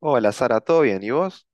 Hola Sara, ¿todo bien? ¿Y vos?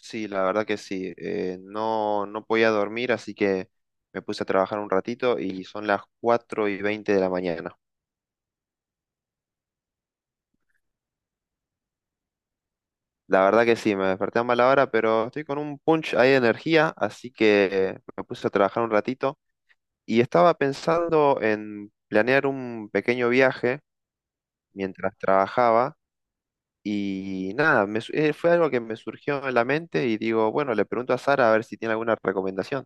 Sí, la verdad que sí. No, no podía dormir, así que me puse a trabajar un ratito y son las 4:20 de la mañana. La verdad que sí, me desperté a mala hora, pero estoy con un punch ahí de energía, así que me puse a trabajar un ratito y estaba pensando en planear un pequeño viaje mientras trabajaba y nada, fue algo que me surgió en la mente y digo, bueno, le pregunto a Sara a ver si tiene alguna recomendación.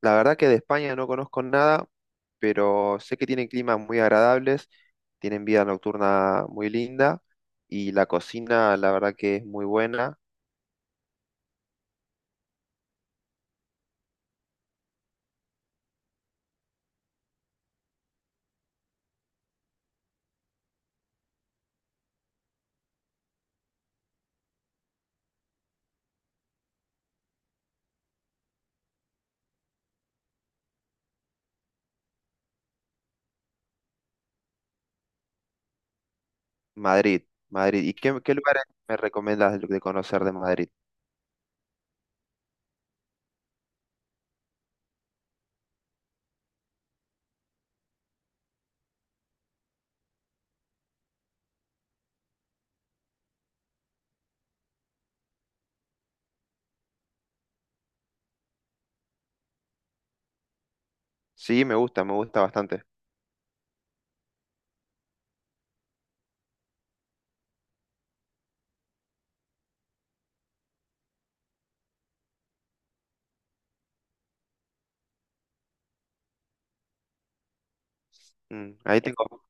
La verdad que de España no conozco nada, pero sé que tienen climas muy agradables, tienen vida nocturna muy linda y la cocina, la verdad que es muy buena. Madrid, Madrid. ¿Y qué lugares me recomiendas de conocer de Madrid? Sí, me gusta bastante. Mm, ahí tengo,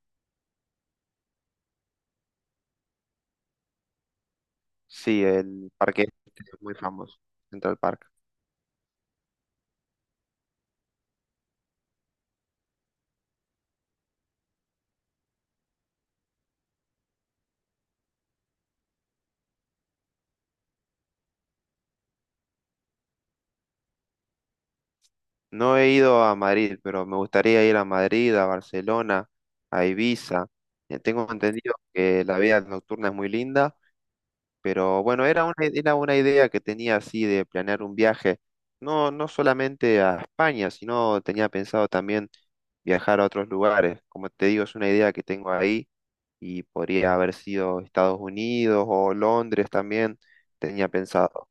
sí, el parque este es muy famoso, Central Park. No he ido a Madrid, pero me gustaría ir a Madrid, a Barcelona, a Ibiza. Tengo entendido que la vida nocturna es muy linda. Pero bueno, era una idea que tenía así de planear un viaje, no, no solamente a España, sino tenía pensado también viajar a otros lugares. Como te digo, es una idea que tengo ahí y podría haber sido Estados Unidos o Londres también, tenía pensado.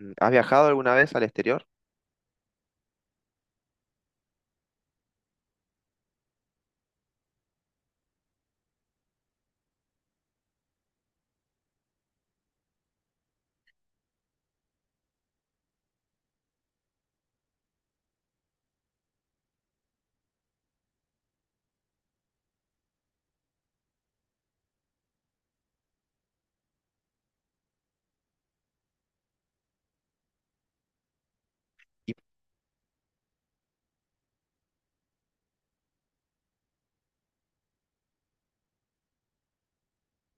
Mm, ¿has viajado alguna vez al exterior? ¿Y,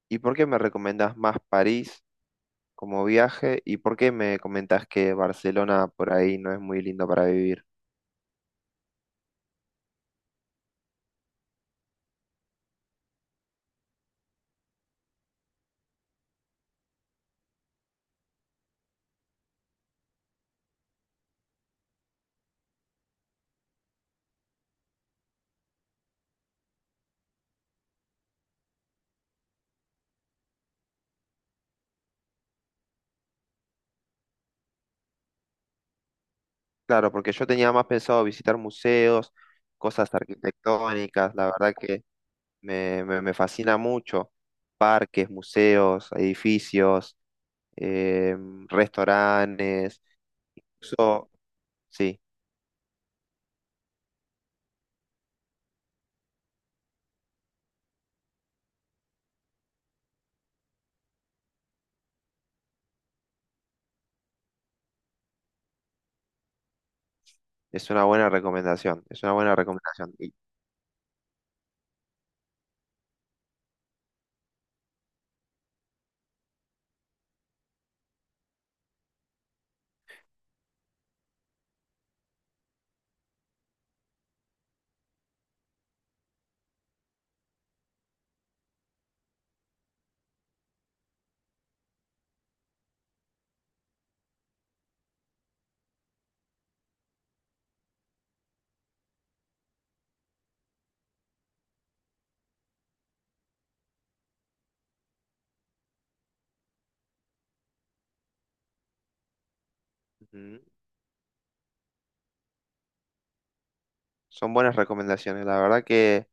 y por qué me recomendás más París como viaje? ¿Y por qué me comentás que Barcelona por ahí no es muy lindo para vivir? Claro, porque yo tenía más pensado visitar museos, cosas arquitectónicas, la verdad que me fascina mucho, parques, museos, edificios, eh, restaurantes, eso sí, es una buena recomendación, es una buena recomendación. Y, ujú, son buenas recomendaciones, la verdad que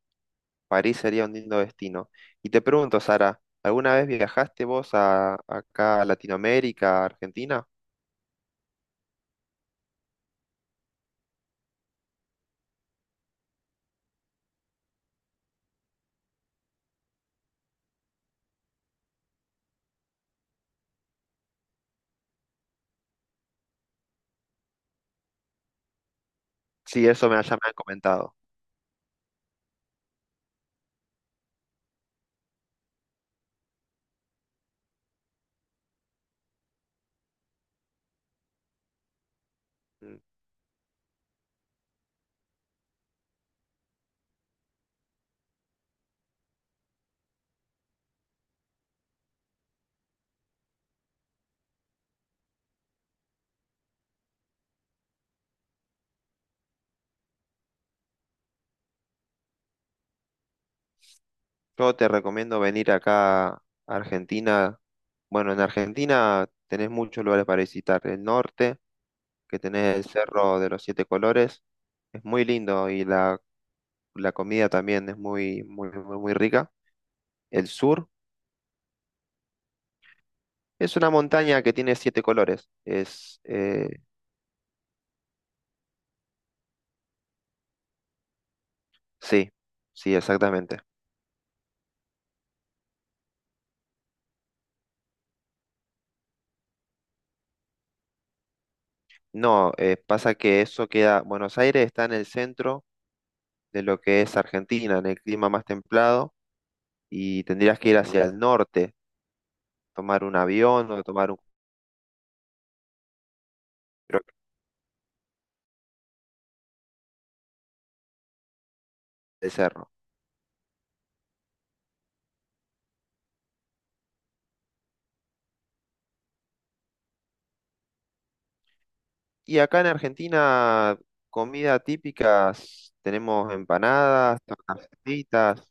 París sería un lindo destino. Y te pregunto, Sara, ¿alguna vez viajaste vos a, acá a Latinoamérica, a Argentina? Sí, eso me, ya me han comentado. Yo te recomiendo venir acá a Argentina. Bueno, en Argentina tenés muchos lugares para visitar. El norte, que tenés el Cerro de los Siete Colores, es muy lindo y la comida también es muy, muy, muy, muy rica. El sur es una montaña que tiene siete colores. Es, sí, sí, exactamente. No, pasa que eso queda, Buenos Aires está en el centro de lo que es Argentina, en el clima más templado, y tendrías que ir hacia el norte, tomar un avión o tomar un crucero de cerro. Y acá en Argentina, comida típicas, tenemos empanadas, tortas fritas.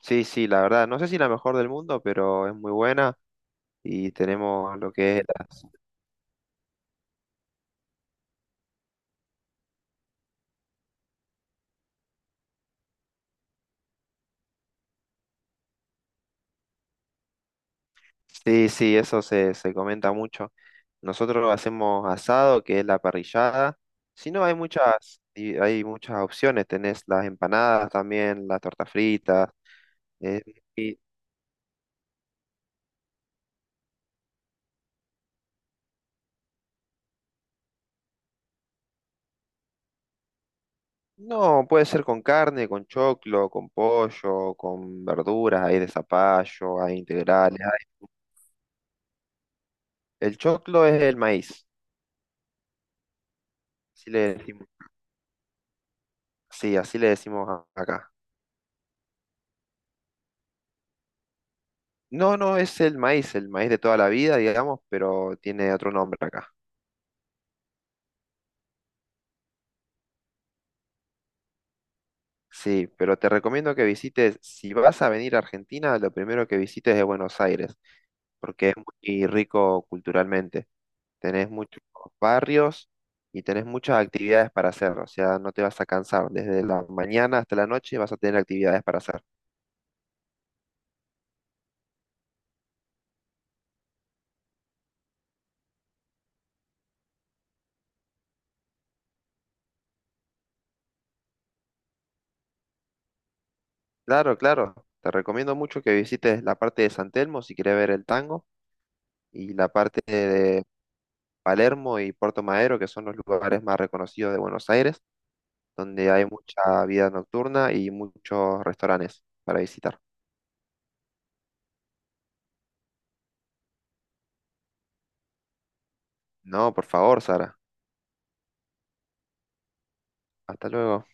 Sí, sí, la verdad, no sé si la mejor del mundo, pero es muy buena y tenemos lo que es las... Sí, sí, eso se comenta mucho. Nosotros hacemos asado, que es la parrillada. Si no, hay muchas, y hay muchas opciones. Tenés las empanadas también, las tortas fritas. Eh, y no, puede ser con carne, con choclo, con pollo, con verduras, hay de zapallo, hay integrales. Hay- el choclo es el maíz, así le decimos. Sí, así le decimos acá. No, no, es el maíz de toda la vida, digamos, pero tiene otro nombre acá. Sí, pero te recomiendo que visites, si vas a venir a Argentina, lo primero que visites es Buenos Aires, porque es muy rico culturalmente. Tenés muchos barrios y tenés muchas actividades para hacer, o sea, no te vas a cansar. Desde la mañana hasta la noche vas a tener actividades para hacer. Claro, claro, te recomiendo mucho que visites la parte de San Telmo si quieres ver el tango y la parte de Palermo y Puerto Madero, que son los lugares más reconocidos de Buenos Aires, donde hay mucha vida nocturna y muchos restaurantes para visitar. No, por favor, Sara. Hasta luego.